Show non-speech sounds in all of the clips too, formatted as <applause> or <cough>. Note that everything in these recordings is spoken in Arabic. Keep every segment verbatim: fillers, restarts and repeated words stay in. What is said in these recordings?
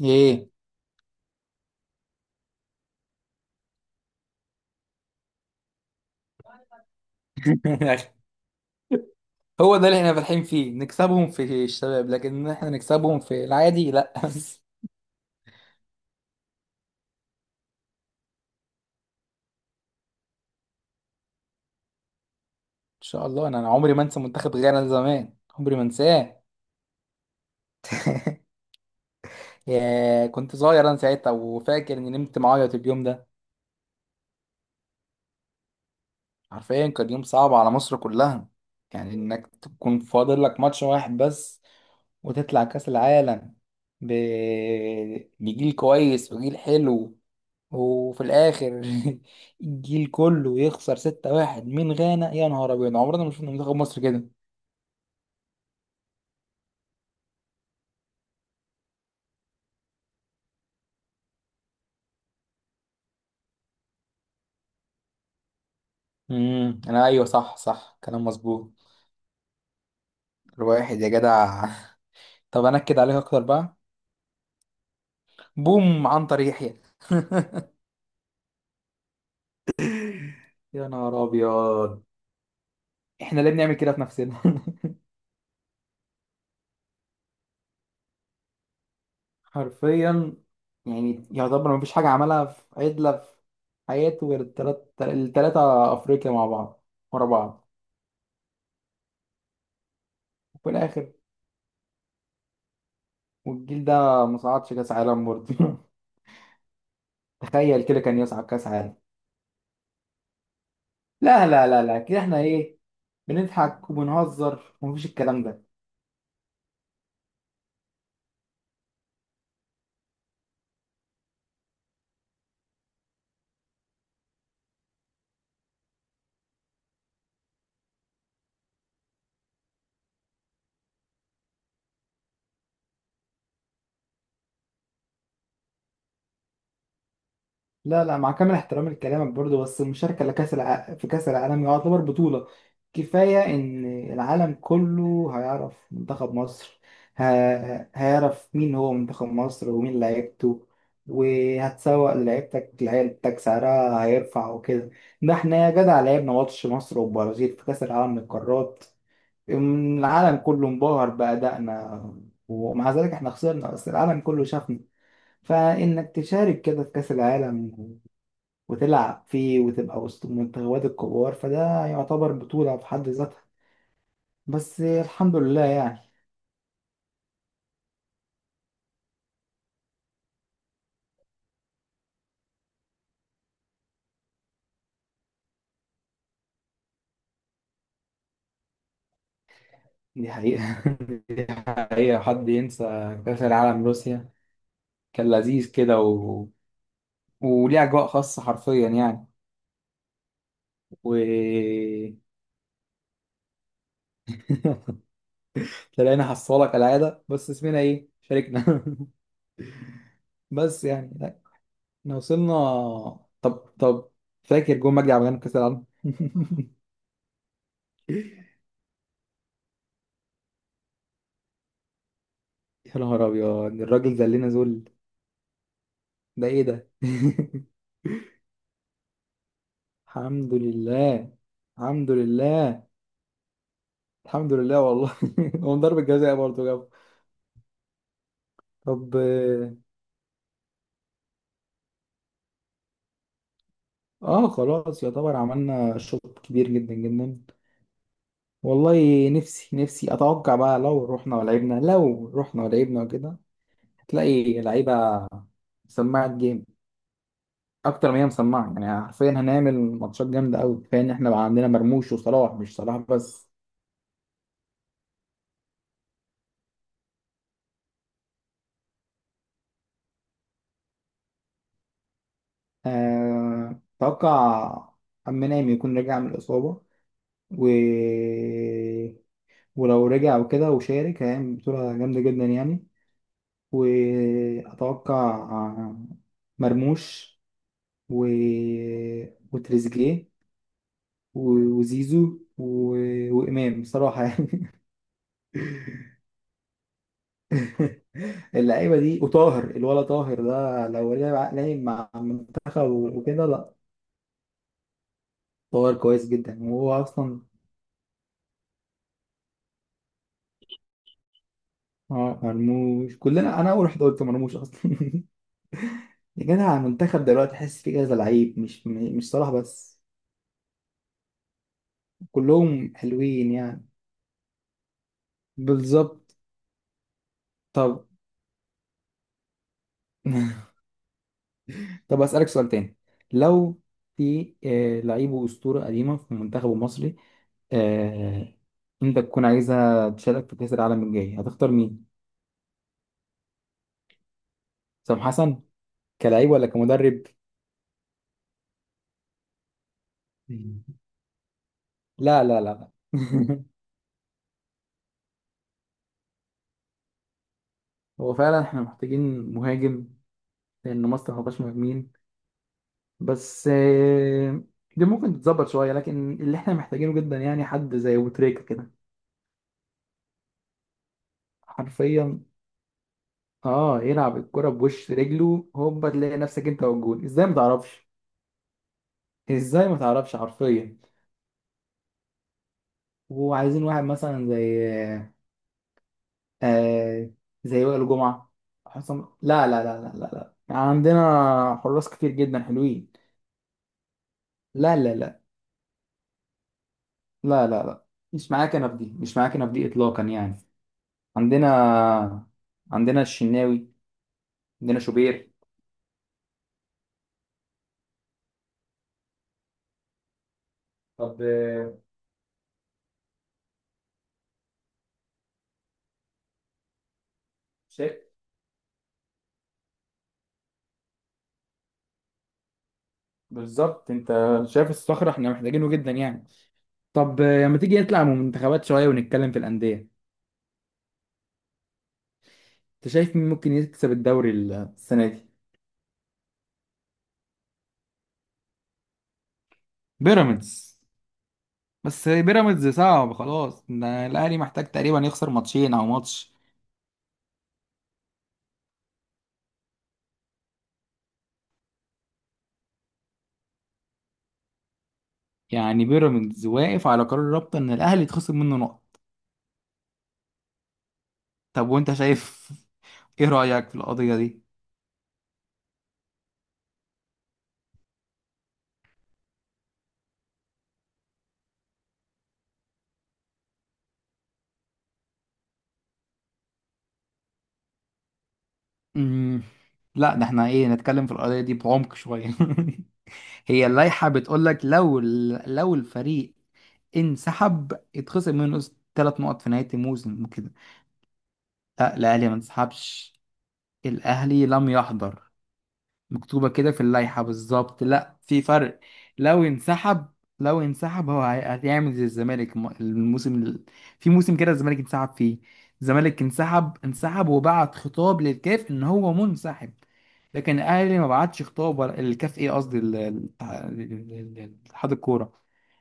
ايه. <laughs> هو ده اللي احنا فالحين فيه، نكسبهم في الشباب، لكن إن احنا نكسبهم في العادي، لا. <laughs> ان شاء الله. انا أنا عمري ما انسى منتخب غانا زمان، عمري ما انساه. يا، كنت صغير انا ساعتها، وفاكر اني نمت معيط اليوم ده. حرفيا كان يوم صعب على مصر كلها. يعني انك تكون فاضل لك ماتش واحد بس وتطلع كاس العالم ب... بجيل كويس وجيل حلو. وفي الاخر <laughs> الجيل كله يخسر ستة واحد من غانا. يا نهار ابيض، عمرنا ما شفنا منتخب مصر كده. امم انا، ايوه، صح صح، كلام مظبوط. الواحد يا جدع. <laughs> طب انكد عليك اكتر بقى. بوم عنتر يحيى. <laughs> يا نهار ابيض، احنا ليه بنعمل كده في نفسنا؟ <laughs> حرفيا. يعني يعتبر مفيش حاجه عملها في عدله في حياته غير التلات التلاته افريقيا مع بعض، ورا بعض. وفي الاخر، والجيل ده ما صعدش كاس عالم برضه. <laughs> تخيل كده، كان يصعد كاس عالم. لا لا لا لا، كده احنا ايه، بنضحك وبنهزر ومفيش الكلام ده. لا لا، مع كامل احترامي لكلامك برضه، بس المشاركه لكاس الع... في كاس العالم يعتبر بطوله. كفايه ان العالم كله هيعرف منتخب مصر، ه... هيعرف مين هو منتخب مصر ومين لعيبته. وهتسوق لعيبتك. لعيبتك سعرها هيرفع وكده. ده احنا يا جدع لعبنا ماتش مصر والبرازيل في كاس العالم للقارات. العالم كله انبهر بأدائنا، ومع ذلك احنا خسرنا، بس العالم كله شافنا. فإنك تشارك كده في كأس العالم وتلعب فيه وتبقى وسط المنتخبات الكبار، فده يعتبر بطولة في حد ذاتها. بس الحمد لله يعني. دي حقيقة. <laughs> دي حقيقة، حد ينسى؟ كأس العالم روسيا كان لذيذ كده و... وليه أجواء خاصة، حرفيا يعني. و <laughs> تلاقينا حصالة كالعادة، بس اسمنا إيه، شاركنا. <laughs> بس يعني احنا وصلنا. طب طب فاكر جون مجدي عبد الغني في كاس العالم؟ <laughs> يا نهار ابيض، الراجل ذلنا ذل. ده ايه ده؟ <laughs> الحمد لله. الحمد لله. الحمد لله والله. <laughs> هو من ضربة جزاء برضه جاب. طب اه خلاص. يعتبر عملنا شوط كبير جدا جدا. والله نفسي نفسي اتوقع بقى، لو رحنا ولعبنا لو رحنا ولعبنا وكده. هتلاقي لعيبة سماعة جيم اكتر ما هي مسمعه، يعني حرفيا هنعمل ماتشات جامده قوي. كفايه ان احنا بقى عندنا مرموش وصلاح، مش صلاح بس. أه... اتوقع امام يكون رجع من الاصابه و... ولو رجع وكده وشارك، هيعمل بطوله جامده جدا يعني. واتوقع آه، مرموش و... وتريزيجيه و- وزيزو و... وامام بصراحه. <laughs> <laughs> اللعيبه دي وطاهر. الولا طاهر ده لو لعب لعب مع المنتخب وكده، لا. طاهر كويس جدا وهو اصلا. اه، مرموش كلنا، انا اول واحد قلت مرموش اصلا. <laughs> يا جدع المنتخب دلوقتي تحس فيه كذا لعيب، مش م- مش صلاح بس، كلهم حلوين يعني. بالظبط. طب، <laughs> طب اسالك سؤال تاني. لو في آه، لعيب واسطوره قديمه في المنتخب المصري، آه، انت تكون عايزه تشارك في كاس العالم الجاي، هتختار مين؟ سام حسن؟ كلاعب ولا كمدرب؟ مم. لا لا لا. <laughs> هو فعلا احنا محتاجين مهاجم. لان مصر ما فيهاش مهاجمين، بس آه، دي ممكن تتظبط شويه. لكن اللي احنا محتاجينه جدا، يعني حد زي ابو تريكه كده. حرفيا. اه يلعب الكره بوش رجله، هوبا تلاقي نفسك انت والجون، ازاي ما تعرفش، ازاي ما تعرفش، حرفيا. وعايزين واحد مثلا زي آه آه، زي وائل جمعه. حسام، لا لا لا لا لا لا، عندنا حراس كتير جدا حلوين. لا لا لا لا لا لا، مش معايا كنب دي، مش معايا كنب دي اطلاقا يعني. عندنا عندنا الشناوي، عندنا شوبير. طب آه، شايف. بالظبط انت شايف الصخرة، احنا محتاجينه جدا يعني. طب آه، لما تيجي نطلع من المنتخبات شوية ونتكلم في الأندية، انت شايف مين ممكن يكسب الدوري السنة دي؟ بيراميدز؟ بس بيراميدز صعب خلاص، ده الاهلي محتاج تقريبا يخسر ماتشين او ماتش. يعني بيراميدز واقف على قرار الرابطه ان الاهلي يتخصم منه نقط. طب، وانت شايف، ايه رأيك في القضية دي؟ مم. لا، ده احنا ايه، نتكلم في القضية دي بعمق شوية. <laughs> هي اللائحة بتقولك لو ال- لو الفريق انسحب يتخصم منه ثلاث نقط في نهاية الموسم وكده. لا، الأهلي ما انسحبش. الأهلي لم يحضر، مكتوبة كده في اللائحة بالظبط. لا، في فرق. لو انسحب لو انسحب هو هي- هيعمل زي الزمالك الم- الموسم ال- في موسم كده الزمالك انسحب فيه. الزمالك انسحب انسحب وبعت خطاب للكاف ان هو منسحب. لكن الاهلي ما بعتش خطاب ولا الكاف، ايه قصدي، ال- ال- ال- ال- اتحاد الكورة.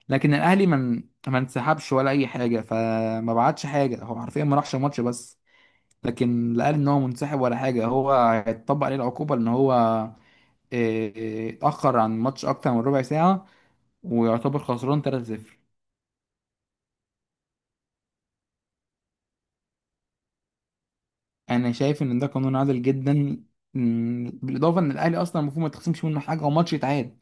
لكن الاهلي من ما انسحبش ولا اي حاجة، فما بعتش حاجة، هو حرفيا ما راحش الماتش بس. لكن لا قال ان هو منسحب ولا حاجة، هو هيتطبق عليه العقوبة ان هو آه، اتأخر عن الماتش أكتر من ربع ساعة ويعتبر خسران ثلاثة لصفر. أنا شايف إن ده قانون عادل جدا، مم، بالإضافة إن الأهلي أصلا المفروض ما يتخصمش منه حاجة وماتش يتعاد.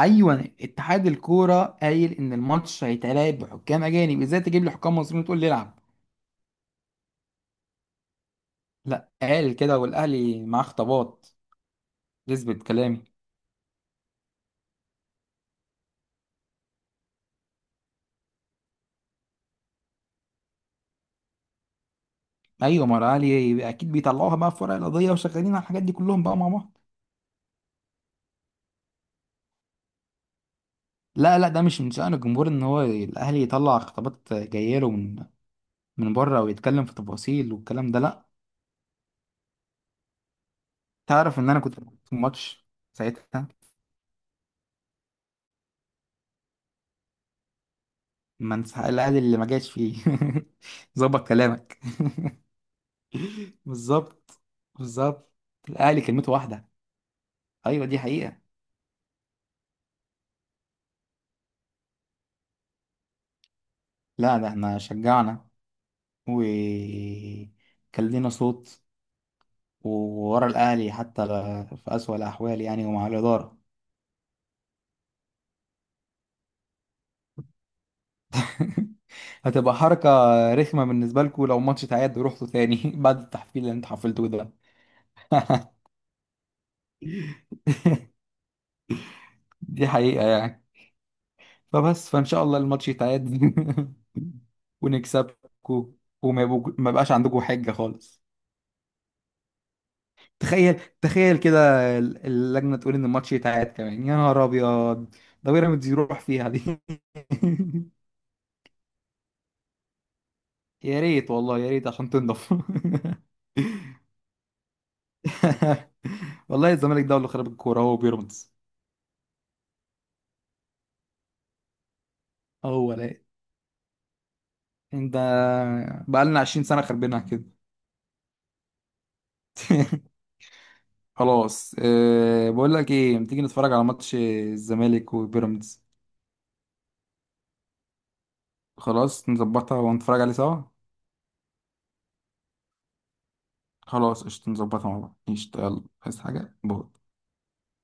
أيوة، اتحاد الكورة قايل إن الماتش هيتلعب بحكام أجانب، إزاي تجيب لي حكام مصريين وتقول لي العب؟ لا، قال كده والأهلي معاه خطابات تثبت كلامي. أيوة، ما الأهلي أكيد بيطلعوها بقى في ورق القضية، وشغالين على الحاجات دي كلهم بقى مع بعض. لا لا، ده مش من شأن الجمهور ان هو الاهلي يطلع خطابات جايه له من من بره ويتكلم في تفاصيل والكلام ده، لا. تعرف ان انا كنت في الماتش ساعتها، ما انسحق الاهلي، اللي ما جاش فيه. <laughs> ظبط كلامك. <laughs> بالظبط. بالظبط. الاهلي كلمته واحده، ايوه دي حقيقه. لا، ده احنا شجعنا وكان لينا صوت وورا الاهلي حتى في اسوأ الاحوال يعني، ومع الاداره. <laughs> هتبقى حركه رخمه بالنسبه لكم لو ماتش تعادل ورحتوا تاني <laughs> بعد التحفيل اللي انتوا حفلتوه ده. <laughs> دي حقيقه يعني. فبس فان شاء الله الماتش يتعاد <laughs> ونكسبكو وما يبقوا- ما يبقاش عندكم حجه خالص. تخيل تخيل كده، ال- اللجنه تقول ان الماتش يتعاد كمان، يا نهار ابيض، ده بيراميدز يروح فيها دي. <laughs> يا ريت والله يا ريت عشان تنضف. <laughs> والله الزمالك ده هو اللي خرب الكوره. هو بيراميدز. هو لا، انت، بقالنا عشرين سنه خربينها كده. <laughs> خلاص. أه بقول لك ايه، ما تيجي نتفرج على ماتش الزمالك وبيراميدز؟ خلاص نظبطها ونتفرج عليه سوا. خلاص قشطة نظبطها مع بعض. قشطة يلا، عايز حاجة؟ باي.